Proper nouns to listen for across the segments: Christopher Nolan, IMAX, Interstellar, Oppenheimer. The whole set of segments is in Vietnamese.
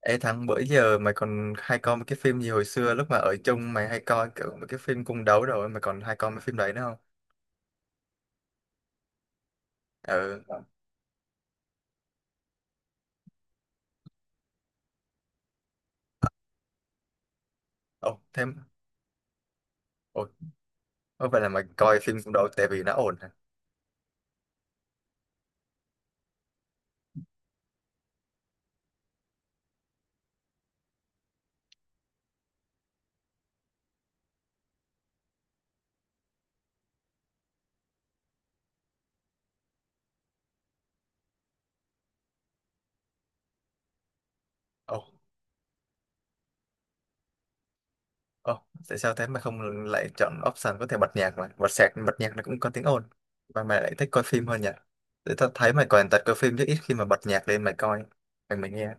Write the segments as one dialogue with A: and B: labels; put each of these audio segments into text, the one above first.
A: Ê Thắng, bữa giờ mày còn hay coi một cái phim gì hồi xưa lúc mà ở chung mày hay coi kiểu một cái phim cung đấu rồi mày còn hay coi mấy phim đấy nữa không? Ừ. Ồ, thêm. Ồ, có phải là mày coi phim cung đấu tại vì nó ổn hả? Ồ, ồ, tại sao thế mày không lại chọn option có thể bật nhạc mà? Bật sạc, bật nhạc nó cũng có tiếng ồn. Mà mày lại thích coi phim hơn nhỉ? Để tao thấy mày còn tật coi phim chứ ít khi mà bật nhạc lên mày coi, mày mày nghe.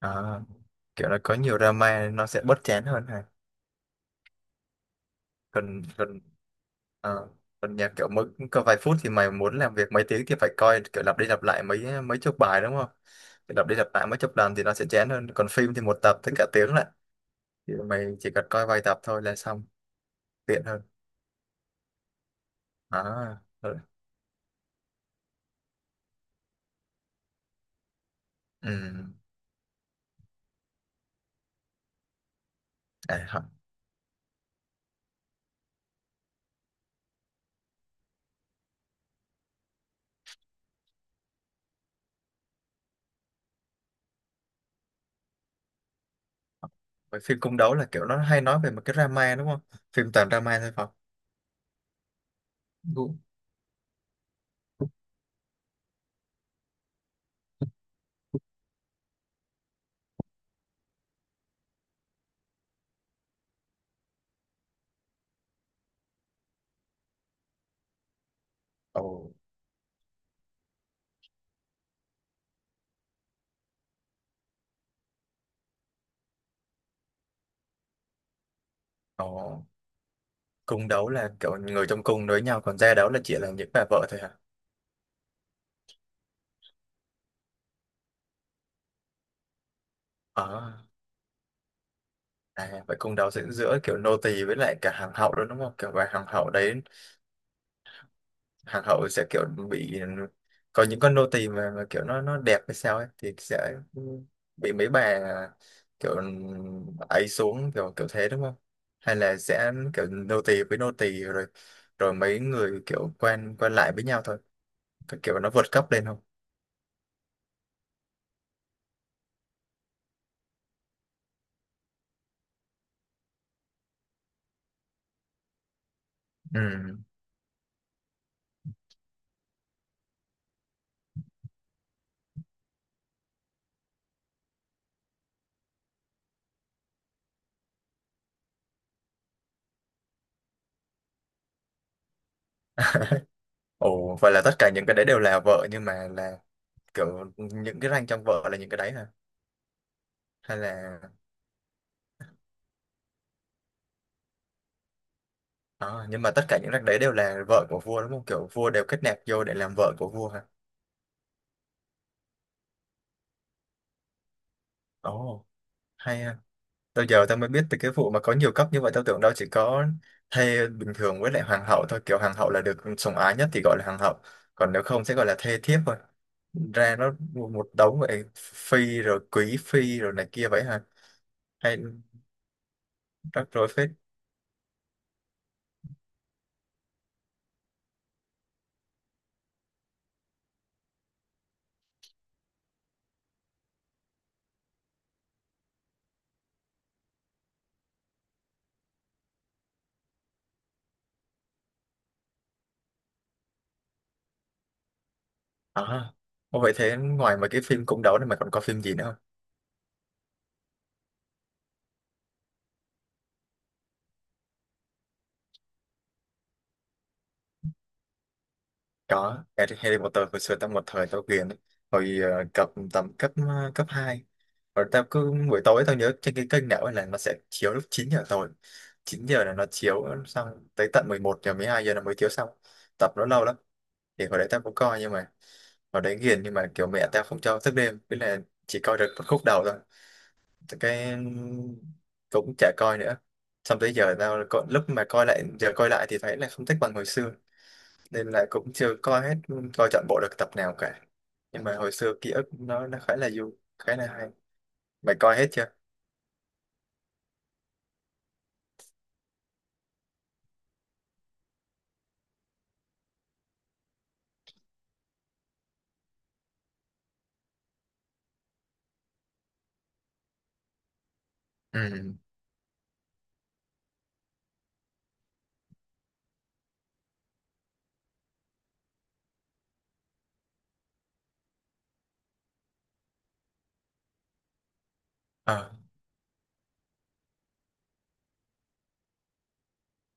A: À, kiểu là có nhiều drama nên nó sẽ bớt chán hơn hả? Còn còn Ờ, còn nhạc kiểu mỗi có vài phút thì mày muốn làm việc mấy tiếng thì phải coi kiểu lặp đi lặp lại mấy mấy chục bài đúng không? Kiểu lặp đi lặp lại mấy chục lần thì nó sẽ chán hơn. Còn phim thì một tập tới cả tiếng lại. Thì mày chỉ cần coi vài tập thôi là xong, tiện hơn. À, ừ. Ừ. À, hả? Mấy phim cung đấu là kiểu nó hay nói về một cái drama đúng không? Phim toàn drama thôi phải không? Đúng. Ồ, ồ, cung đấu là kiểu người trong cung đối nhau còn gia đấu là chỉ là những bà vợ thôi hả? À. À, vậy cung đấu diễn giữa kiểu nô tỳ với lại cả hàng hậu đó đúng không? Kiểu và hàng hậu đấy, hàng hậu sẽ kiểu bị có những con nô tỳ mà kiểu nó đẹp hay sao ấy thì sẽ bị mấy bà kiểu ấy xuống kiểu kiểu thế đúng không? Hay là sẽ kiểu nô tỳ với nô tỳ rồi rồi mấy người kiểu quen quen lại với nhau thôi, cái kiểu nó vượt cấp lên không? Ừ. Ồ, vậy là tất cả những cái đấy đều là vợ nhưng mà là kiểu những cái rank trong vợ là những cái đấy hả? Hay là À, nhưng mà tất cả những rác đấy đều là vợ của vua đúng không? Kiểu vua đều kết nạp vô để làm vợ của vua hả? Ồ, hay ha. Tao giờ tao mới biết từ cái vụ mà có nhiều cấp như vậy tao tưởng đâu chỉ có thê bình thường với lại hoàng hậu thôi. Kiểu hoàng hậu là được sủng ái nhất thì gọi là hoàng hậu. Còn nếu không sẽ gọi là thê thiếp thôi. Ra nó một đống vậy phi rồi quý phi rồi này kia vậy hả? Hay rắc rối phết. À, ô vậy thế ngoài mấy cái phim cung đấu này mà còn có phim gì nữa không? Có, Harry Harry Potter hồi xưa tao một thời tao ghiền ấy. Hồi cấp tầm cấp cấp 2 rồi tao cứ buổi tối tao nhớ trên cái kênh nào ấy là nó sẽ chiếu lúc 9 giờ tối, 9 giờ là nó chiếu xong tới tận 11 giờ 12 giờ là mới chiếu xong, tập nó lâu lắm. Thì hồi đấy tao cũng coi nhưng mà hồi đấy ghiền nhưng mà kiểu mẹ tao không cho thức đêm với là chỉ coi được một khúc đầu thôi. Thì cái cũng chả coi nữa, xong tới giờ tao có, lúc mà coi lại giờ coi lại thì thấy là không thích bằng hồi xưa nên là cũng chưa coi hết, coi trọn bộ được tập nào cả. Nhưng mà hồi xưa ký ức nó khá là vui, khá là hay. Mày coi hết chưa? Ừ. Ờ.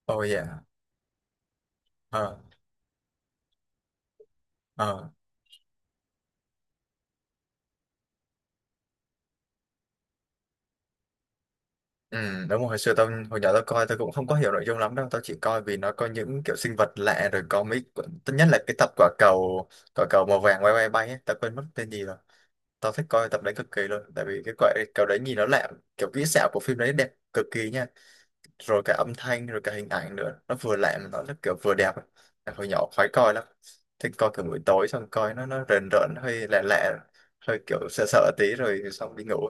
A: Ôi dạ. Ờ. Ờ. Ừ, đúng rồi. Hồi xưa tao hồi nhỏ tao coi tao cũng không có hiểu nội dung lắm đâu, tao chỉ coi vì nó có những kiểu sinh vật lạ rồi có mấy tất nhất là cái tập quả cầu, quả cầu màu vàng quay quay bay ấy. Tao quên mất tên gì rồi. Tao thích coi tập đấy cực kỳ luôn tại vì cái quả cầu đấy nhìn nó lạ, kiểu kỹ xảo của phim đấy đẹp cực kỳ nha, rồi cả âm thanh rồi cả hình ảnh nữa nó vừa lạ, nó kiểu vừa đẹp ấy. Em hồi nhỏ khoái coi lắm, thích coi kiểu buổi tối xong coi nó rền rợn hơi lạ lạ, hơi kiểu sợ sợ tí rồi xong đi ngủ.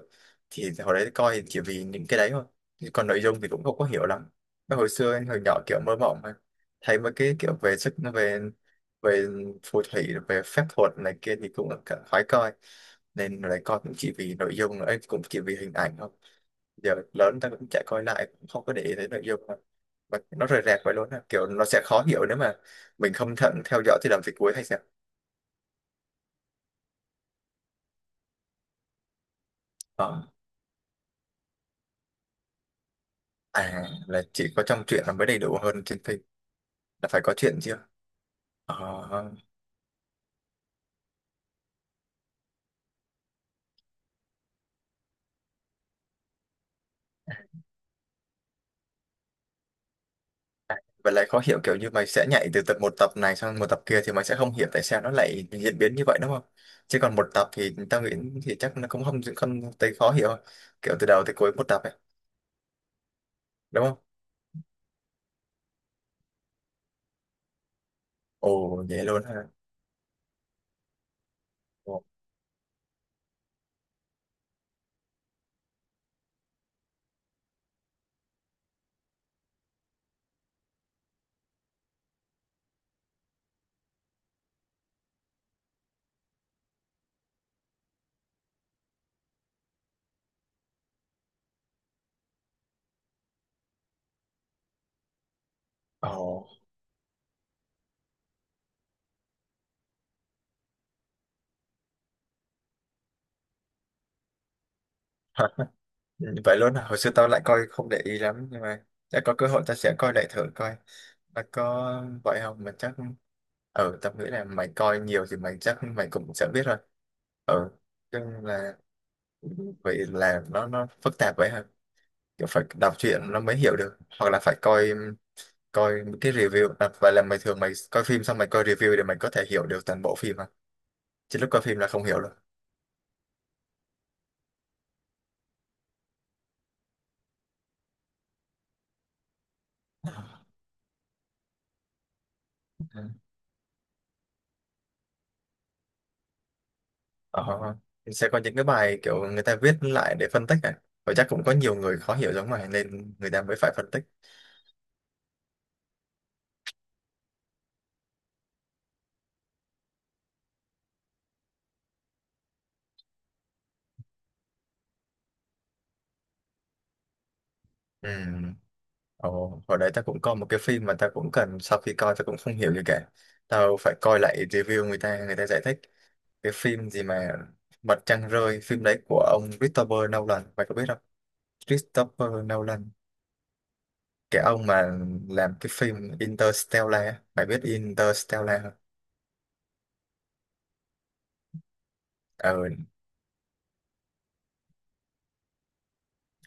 A: Thì hồi đấy coi chỉ vì những cái đấy thôi. Chứ còn nội dung thì cũng không có hiểu lắm. Cái hồi xưa anh hồi nhỏ kiểu mơ mộng mà, thấy mấy cái kiểu về sức về về phù thủy về phép thuật này kia thì cũng cả khoái coi nên lại coi cũng chỉ vì nội dung ấy, cũng chỉ vì hình ảnh thôi. Giờ lớn ta cũng chạy coi lại cũng không có để ý tới nội dung mà nó rời rạc vậy luôn á kiểu nó sẽ khó hiểu nếu mà mình không thận theo dõi thì làm việc cuối hay sao. Ờ. À là chỉ có trong truyện là mới đầy đủ hơn trên phim, là phải có chuyện chưa. Ờ. À, vậy lại khó hiểu kiểu như mày sẽ nhảy từ tập một tập này sang một tập kia thì mày sẽ không hiểu tại sao nó lại diễn biến như vậy đúng không, chứ còn một tập thì tao nghĩ thì chắc nó cũng không không tới khó hiểu, kiểu từ đầu tới cuối một tập ấy đúng không? Ồ vậy luôn ha. Ồ. Ồ. Ừ, vậy luôn à? Hồi xưa tao lại coi không để ý lắm nhưng mà chắc có cơ hội tao sẽ coi lại thử coi nó có vậy không mà chắc, ừ, tao nghĩ là mày coi nhiều thì mày chắc mày cũng sẽ biết rồi. Ừ, nhưng là vậy là nó phức tạp vậy hả, kiểu phải đọc truyện nó mới hiểu được hoặc là phải coi, coi những cái review à? Vậy là mày thường mày coi phim xong mày coi review để mày có thể hiểu được toàn bộ phim à, chứ lúc coi phim là không hiểu được? Ờ, sẽ có những cái bài kiểu người ta viết lại để phân tích này, và chắc cũng có nhiều người khó hiểu giống mày nên người ta mới phải phân tích. Ừ. Ồ, hồi đấy ta cũng coi một cái phim mà ta cũng cần sau khi coi ta cũng không hiểu gì cả, tao phải coi lại review người ta giải thích cái phim gì mà Mặt Trăng Rơi, phim đấy của ông Christopher Nolan mày có biết không? Christopher Nolan cái ông mà làm cái phim Interstellar á. Mày biết Interstellar không? Ừ,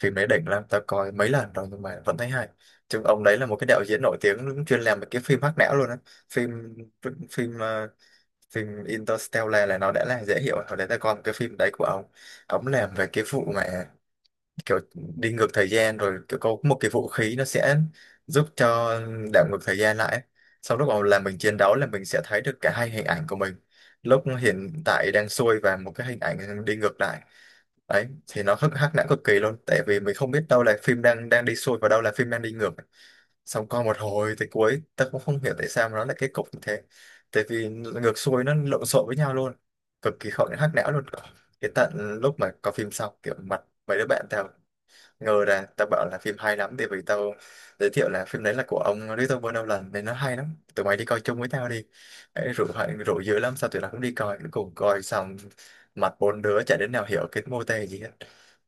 A: phim đấy đỉnh lắm tao coi mấy lần rồi nhưng mà vẫn thấy hay. Chứ ông đấy là một cái đạo diễn nổi tiếng chuyên làm mấy cái phim hack não luôn á. Phim phim phim Interstellar là nó đã là dễ hiểu rồi, hồi đấy tao coi một cái phim đấy của ông làm về cái vụ mà kiểu đi ngược thời gian, rồi kiểu có một cái vũ khí nó sẽ giúp cho đảo ngược thời gian lại, sau lúc mà làm mình chiến đấu là mình sẽ thấy được cả hai hình ảnh của mình lúc hiện tại đang xuôi và một cái hình ảnh đi ngược lại. Đấy thì nó hắc hắc não cực kỳ luôn tại vì mình không biết đâu là phim đang đang đi xuôi và đâu là phim đang đi ngược, xong coi một hồi tới cuối ta cũng không hiểu tại sao mà nó lại kết cục như thế tại vì ngược xuôi nó lộn xộn với nhau luôn, cực kỳ khó hắc não luôn. Cái tận lúc mà có phim xong kiểu mặt mấy đứa bạn tao ngờ ra, tao bảo là phim hay lắm thì vì tao giới thiệu là phim đấy là của ông Christopher Nolan nên nó hay lắm tụi mày đi coi chung với tao đi. Ấy, rủ dữ lắm sao tụi nó cũng đi coi cuối cùng coi xong mặt bốn đứa chả đến nào hiểu cái mô tê gì hết,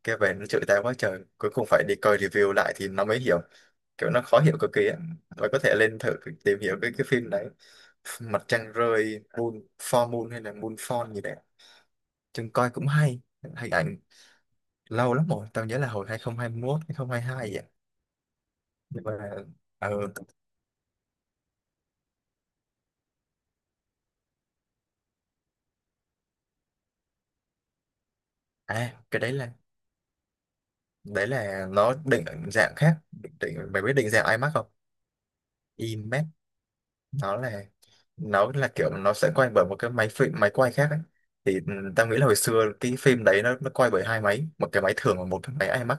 A: cái về nó chửi tao quá trời cuối cùng phải đi coi review lại thì nó mới hiểu, kiểu nó khó hiểu cực kỳ á. Mày có thể lên thử tìm hiểu cái phim đấy, Mặt Trăng Rơi, moon for moon hay là moon fall gì đấy, chừng coi cũng hay hình ảnh. Lâu lắm rồi tao nhớ là hồi 2021 2022 vậy, nhưng mà ừ. À cái đấy là nó định dạng khác định mày biết định dạng IMAC không? IMAC nó là nó là kiểu nó sẽ quay bởi một cái máy phim máy quay khác ấy. Thì tao nghĩ là hồi xưa cái phim đấy nó quay bởi hai máy, một cái máy thường và một cái máy IMAX.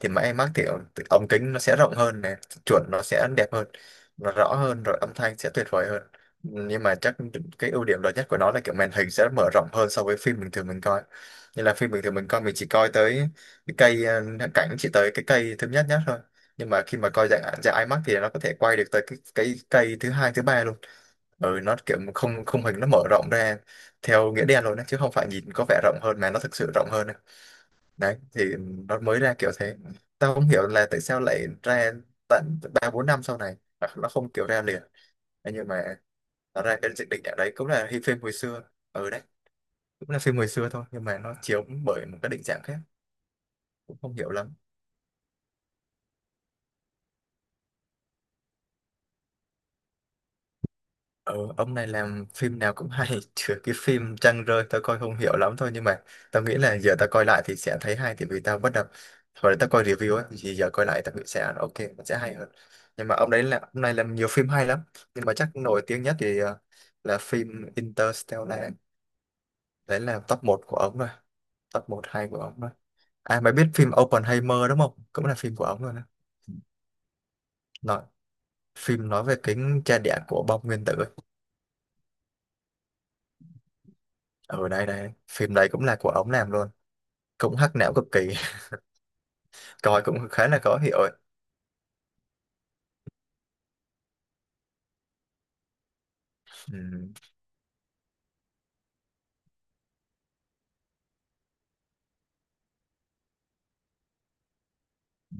A: Thì máy IMAX thì ống ống kính nó sẽ rộng hơn này, chuẩn nó sẽ đẹp hơn, nó rõ hơn, rồi âm thanh sẽ tuyệt vời hơn. Nhưng mà chắc cái ưu điểm lớn nhất của nó là kiểu màn hình sẽ mở rộng hơn so với phim bình thường mình coi. Như là phim bình thường mình coi mình chỉ coi tới cái cây cảnh chỉ tới cái cây thứ nhất nhất thôi. Nhưng mà khi mà coi dạng dạng IMAX thì nó có thể quay được tới cái cây thứ hai thứ ba. Ừ, nó kiểu không, khung hình nó mở rộng ra theo nghĩa đen luôn đấy, chứ không phải nhìn có vẻ rộng hơn mà nó thực sự rộng hơn đấy. Đấy thì nó mới ra kiểu thế. Tao không hiểu là tại sao lại ra tận ba bốn năm sau này. Hoặc nó không kiểu ra liền thế. Nhưng mà nó ra cái định dạng đấy cũng là phim hồi xưa. Ừ đấy, cũng là phim hồi xưa thôi nhưng mà nó chiếu bởi một cái định dạng khác. Cũng không hiểu lắm. Ờ, ông này làm phim nào cũng hay trừ cái phim Trăng Rơi tao coi không hiểu lắm thôi. Nhưng mà tao nghĩ là giờ tao coi lại thì sẽ thấy hay, thì vì tao bắt đầu hồi đó tao coi review ấy, thì giờ coi lại tao nghĩ sẽ ok, nó sẽ hay hơn. Nhưng mà ông đấy là ông này làm nhiều phim hay lắm. Nhưng mà chắc nổi tiếng nhất thì là phim Interstellar. Đấy là top một của ông rồi, top một hay của ông rồi. À mày biết phim Oppenheimer đúng không, cũng là phim của ông rồi đó. Nói phim nói về kính cha đẻ của bom nguyên tử ấy. Ở đây đây phim đấy cũng là của ông làm luôn, cũng hắc não cực kỳ. Coi cũng khá là khó hiểu ấy. Ừ.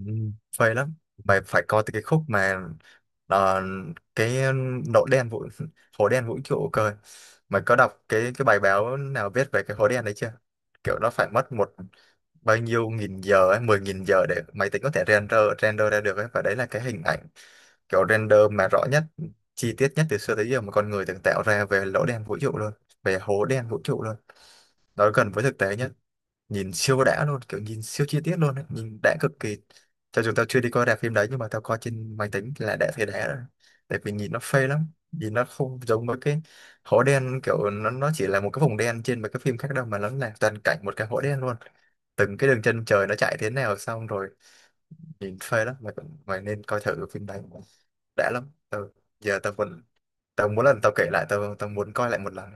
A: Ừ, phê lắm. Mày phải coi từ cái khúc mà ờ, cái nỗi đen vũ hố đen vũ trụ cơ. Mày có đọc cái bài báo nào viết về cái hố đen đấy chưa? Kiểu nó phải mất một bao nhiêu nghìn giờ ấy, 10.000 giờ để máy tính có thể render render ra được ấy, và đấy là cái hình ảnh kiểu render mà rõ nhất, chi tiết nhất từ xưa tới giờ mà con người từng tạo ra về lỗ đen vũ trụ luôn, về hố đen vũ trụ luôn. Nó gần với thực tế nhất, nhìn siêu đã luôn, kiểu nhìn siêu chi tiết luôn ấy. Nhìn đã cực kỳ. Cho dù tao chưa đi coi rạp phim đấy nhưng mà tao coi trên máy tính là đã thấy đã rồi. Tại vì nhìn nó phê lắm. Nhìn nó không giống với cái hố đen kiểu nó chỉ là một cái vùng đen trên mấy cái phim khác đâu, mà nó là toàn cảnh một cái hố đen luôn. Từng cái đường chân trời nó chạy thế nào xong rồi, nhìn phê lắm. Mày cũng- mày nên coi thử phim đấy, đã lắm. Ừ. Giờ tao vẫn tao muốn lần tao kể lại, tao tao muốn coi lại một lần.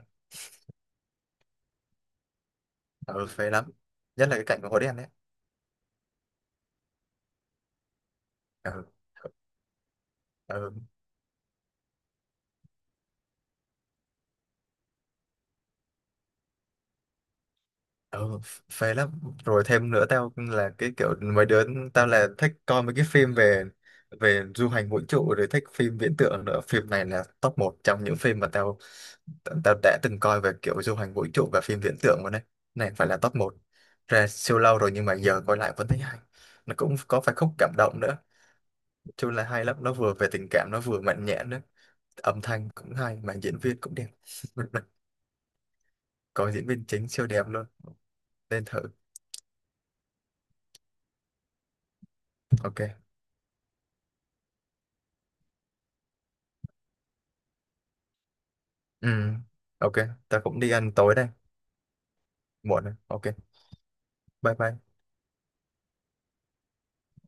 A: Ừ, phê lắm, nhất là cái cảnh của hố đen đấy. Ừ. Ừ. Ừ, phê lắm. Rồi thêm nữa tao là cái kiểu mấy đứa, tao là thích coi mấy cái phim về về du hành vũ trụ, rồi thích phim viễn tưởng nữa. Phim này là top một trong những phim mà tao tao đã từng coi về kiểu du hành vũ trụ và phim viễn tưởng luôn đấy. Này phải là top một. Ra siêu lâu rồi nhưng mà giờ coi lại vẫn thấy hay. Nó cũng có phải khúc cảm động nữa, chung là hay lắm. Nó vừa về tình cảm nó vừa mạnh mẽ nữa, âm thanh cũng hay mà diễn viên cũng đẹp. Coi diễn viên chính siêu đẹp luôn, nên thử. Ok. Ừ, ok, ta cũng đi ăn tối đây, muộn rồi. Ok, bye bye.